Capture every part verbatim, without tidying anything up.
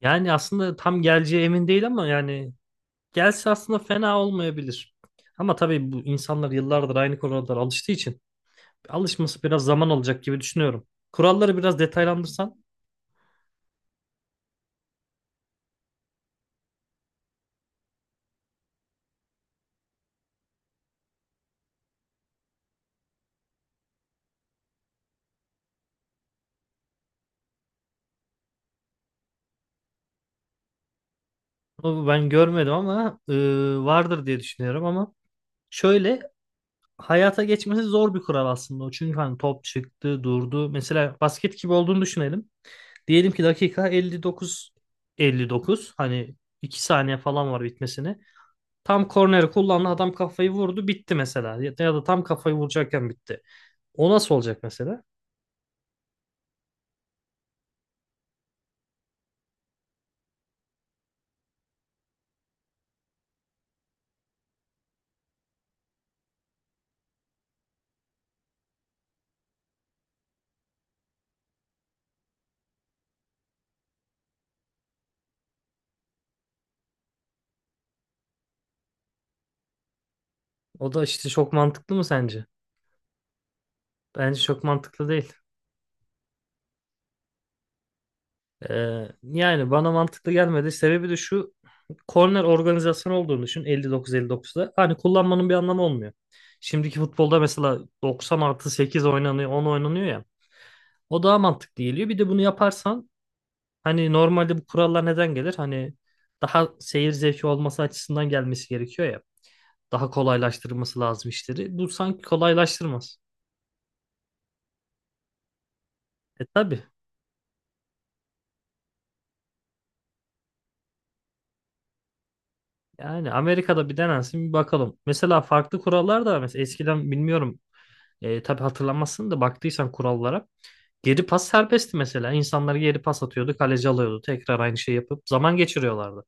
Yani aslında tam geleceği emin değil ama yani gelse aslında fena olmayabilir. Ama tabii bu insanlar yıllardır aynı kurallara alıştığı için alışması biraz zaman alacak gibi düşünüyorum. Kuralları biraz detaylandırsan o ben görmedim ama e, vardır diye düşünüyorum ama şöyle hayata geçmesi zor bir kural aslında o. Çünkü hani top çıktı, durdu. Mesela basket gibi olduğunu düşünelim. Diyelim ki dakika elli dokuz elli dokuz hani iki saniye falan var bitmesine. Tam korneri kullandı adam kafayı vurdu bitti mesela. Ya ya da tam kafayı vuracakken bitti. O nasıl olacak mesela? O da işte çok mantıklı mı sence? Bence çok mantıklı değil. Ee, yani bana mantıklı gelmedi. Sebebi de şu: korner organizasyonu olduğunu düşün elli dokuz elli dokuzda. Hani kullanmanın bir anlamı olmuyor. Şimdiki futbolda mesela doksan artı sekiz oynanıyor, on oynanıyor ya. O daha mantıklı geliyor. Bir de bunu yaparsan hani normalde bu kurallar neden gelir? Hani daha seyir zevki olması açısından gelmesi gerekiyor ya. Daha kolaylaştırması lazım işleri. Bu sanki kolaylaştırmaz. E tabii. Yani Amerika'da bir denensin, bir bakalım. Mesela farklı kurallar da var. Mesela eskiden bilmiyorum. E, tabii hatırlamazsın da baktıysan kurallara. Geri pas serbestti mesela. İnsanlar geri pas atıyordu, kaleci alıyordu. Tekrar aynı şeyi yapıp zaman geçiriyorlardı.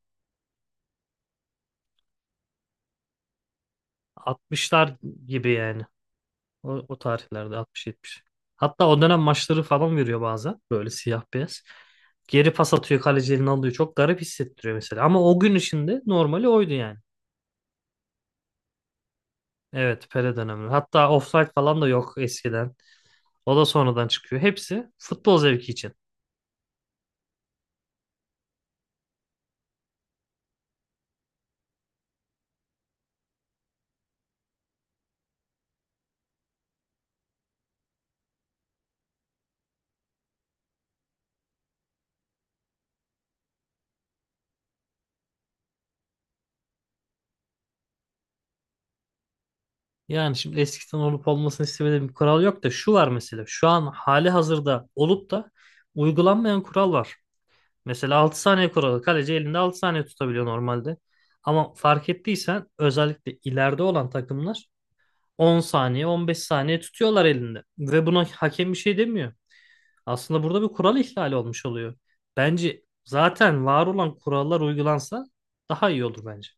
altmışlar gibi yani. O, o tarihlerde altmış yetmiş. Hatta o dönem maçları falan veriyor bazen. Böyle siyah beyaz. Geri pas atıyor, kaleci elini alıyor. Çok garip hissettiriyor mesela. Ama o gün içinde normali oydu yani. Evet, Pele dönemi. Hatta offside falan da yok eskiden. O da sonradan çıkıyor. Hepsi futbol zevki için. Yani şimdi eskiden olup olmasını istemediğim bir kural yok da şu var mesela. Şu an hali hazırda olup da uygulanmayan kural var. Mesela altı saniye kuralı. Kaleci elinde altı saniye tutabiliyor normalde. Ama fark ettiysen özellikle ileride olan takımlar on saniye, on beş saniye tutuyorlar elinde. Ve buna hakem bir şey demiyor. Aslında burada bir kural ihlali olmuş oluyor. Bence zaten var olan kurallar uygulansa daha iyi olur bence.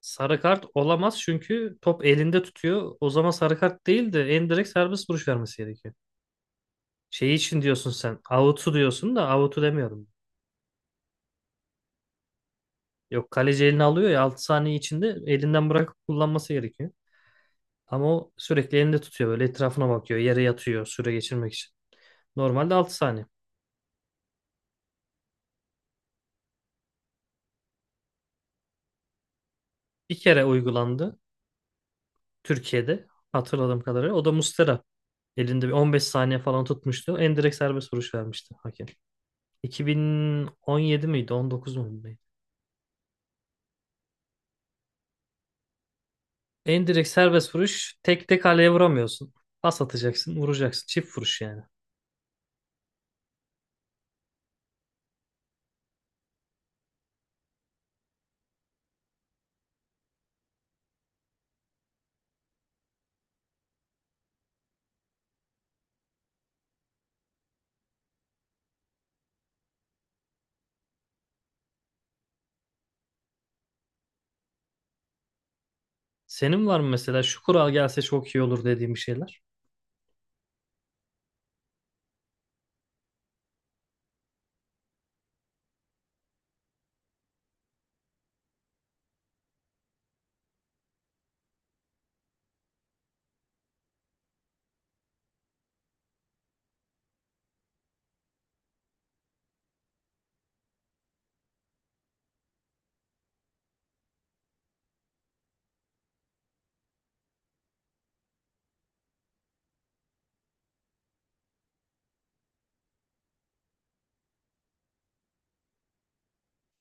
Sarı kart olamaz çünkü top elinde tutuyor. O zaman sarı kart değil de en direkt serbest vuruş vermesi gerekiyor. Şey için diyorsun sen. Out'u diyorsun da, out'u demiyorum. Yok, kaleci elini alıyor ya altı saniye içinde elinden bırakıp kullanması gerekiyor. Ama o sürekli elinde tutuyor böyle, etrafına bakıyor. Yere yatıyor süre geçirmek için. Normalde altı saniye. Bir kere uygulandı Türkiye'de hatırladığım kadarıyla. O da Muslera elinde bir on beş saniye falan tutmuştu. Endirekt serbest vuruş vermişti hakem. iki bin on yedi miydi? on dokuz mu? Neydi? Endirekt serbest vuruş. Tek tek kaleye vuramıyorsun. Pas atacaksın, vuracaksın. Çift vuruş yani. Senin var mı mesela şu kural gelse çok iyi olur dediğim bir şeyler?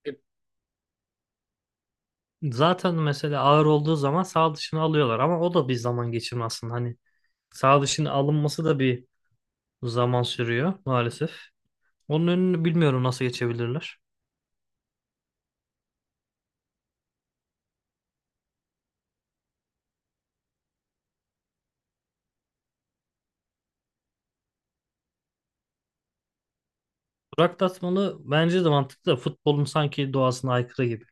E, Zaten mesela ağır olduğu zaman sağ dışını alıyorlar ama o da bir zaman geçirme aslında. Hani sağ dışının alınması da bir zaman sürüyor maalesef. Onun önünü bilmiyorum nasıl geçebilirler. Burak Tasman'ı bence de mantıklı da futbolun sanki doğasına aykırı gibi.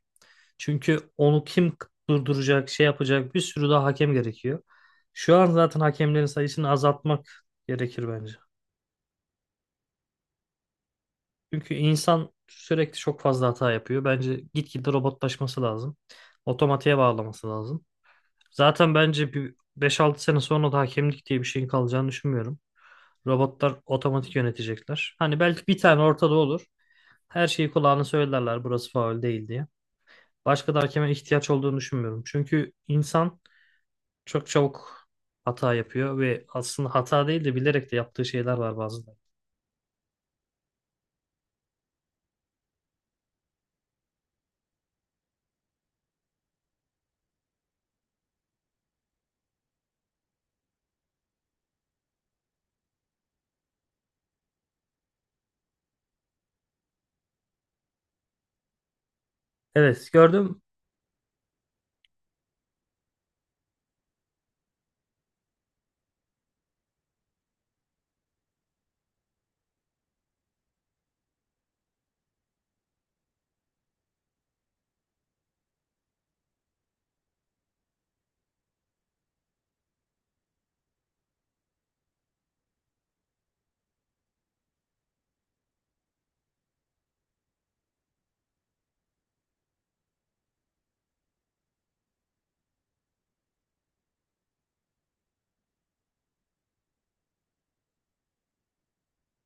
Çünkü onu kim durduracak, şey yapacak, bir sürü daha hakem gerekiyor. Şu an zaten hakemlerin sayısını azaltmak gerekir bence. Çünkü insan sürekli çok fazla hata yapıyor. Bence gitgide robotlaşması lazım. Otomatiğe bağlaması lazım. Zaten bence bir beş altı sene sonra da hakemlik diye bir şeyin kalacağını düşünmüyorum. Robotlar otomatik yönetecekler. Hani belki bir tane ortada olur. Her şeyi kulağına söylerler, burası faul değil diye. Başka da hakeme ihtiyaç olduğunu düşünmüyorum. Çünkü insan çok çabuk hata yapıyor ve aslında hata değil de bilerek de yaptığı şeyler var bazıları. Evet, gördüm.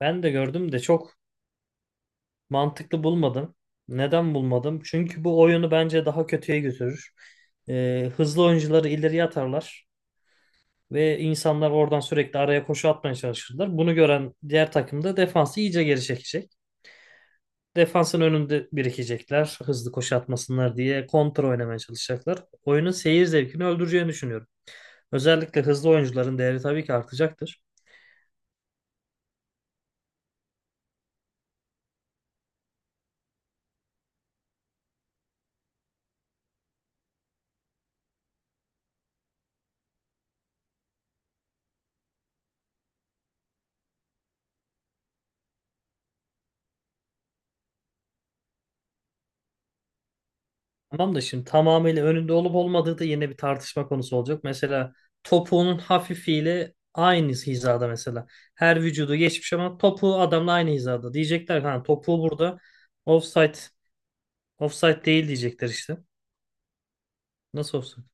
Ben de gördüm de çok mantıklı bulmadım. Neden bulmadım? Çünkü bu oyunu bence daha kötüye götürür. Ee, hızlı oyuncuları ileriye atarlar ve insanlar oradan sürekli araya koşu atmaya çalışırlar. Bunu gören diğer takım da defansı iyice geri çekecek. Defansın önünde birikecekler. Hızlı koşu atmasınlar diye kontra oynamaya çalışacaklar. Oyunun seyir zevkini öldüreceğini düşünüyorum. Özellikle hızlı oyuncuların değeri tabii ki artacaktır. Tamam da şimdi tamamıyla önünde olup olmadığı da yine bir tartışma konusu olacak. Mesela topuğunun hafifiyle aynı hizada mesela. Her vücudu geçmiş ama topuğu adamla aynı hizada. Diyecekler ki, ha topuğu burada offside, offside değil diyecekler işte. Nasıl offside?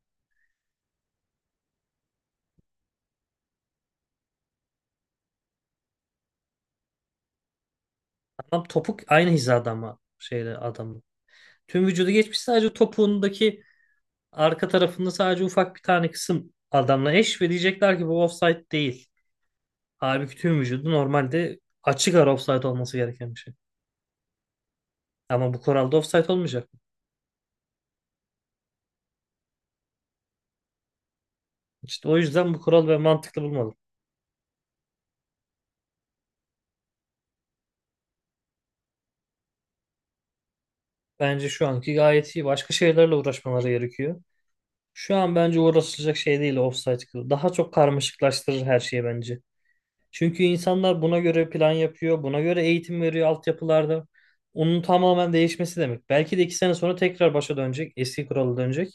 Adam topuk aynı hizada ama şeyle, adamla. Tüm vücudu geçmiş, sadece topuğundaki arka tarafında sadece ufak bir tane kısım adamla eş ve diyecekler ki bu offside değil. Halbuki tüm vücudu normalde açık ara offside olması gereken bir şey. Ama bu kuralda offside olmayacak. İşte o yüzden bu kural ve mantıklı bulmadım. Bence şu anki gayet iyi. Başka şeylerle uğraşmaları gerekiyor. Şu an bence uğraşılacak şey değil offside. Daha çok karmaşıklaştırır her şeyi bence. Çünkü insanlar buna göre plan yapıyor, buna göre eğitim veriyor altyapılarda. Onun tamamen değişmesi demek. Belki de iki sene sonra tekrar başa dönecek, eski kurala dönecek.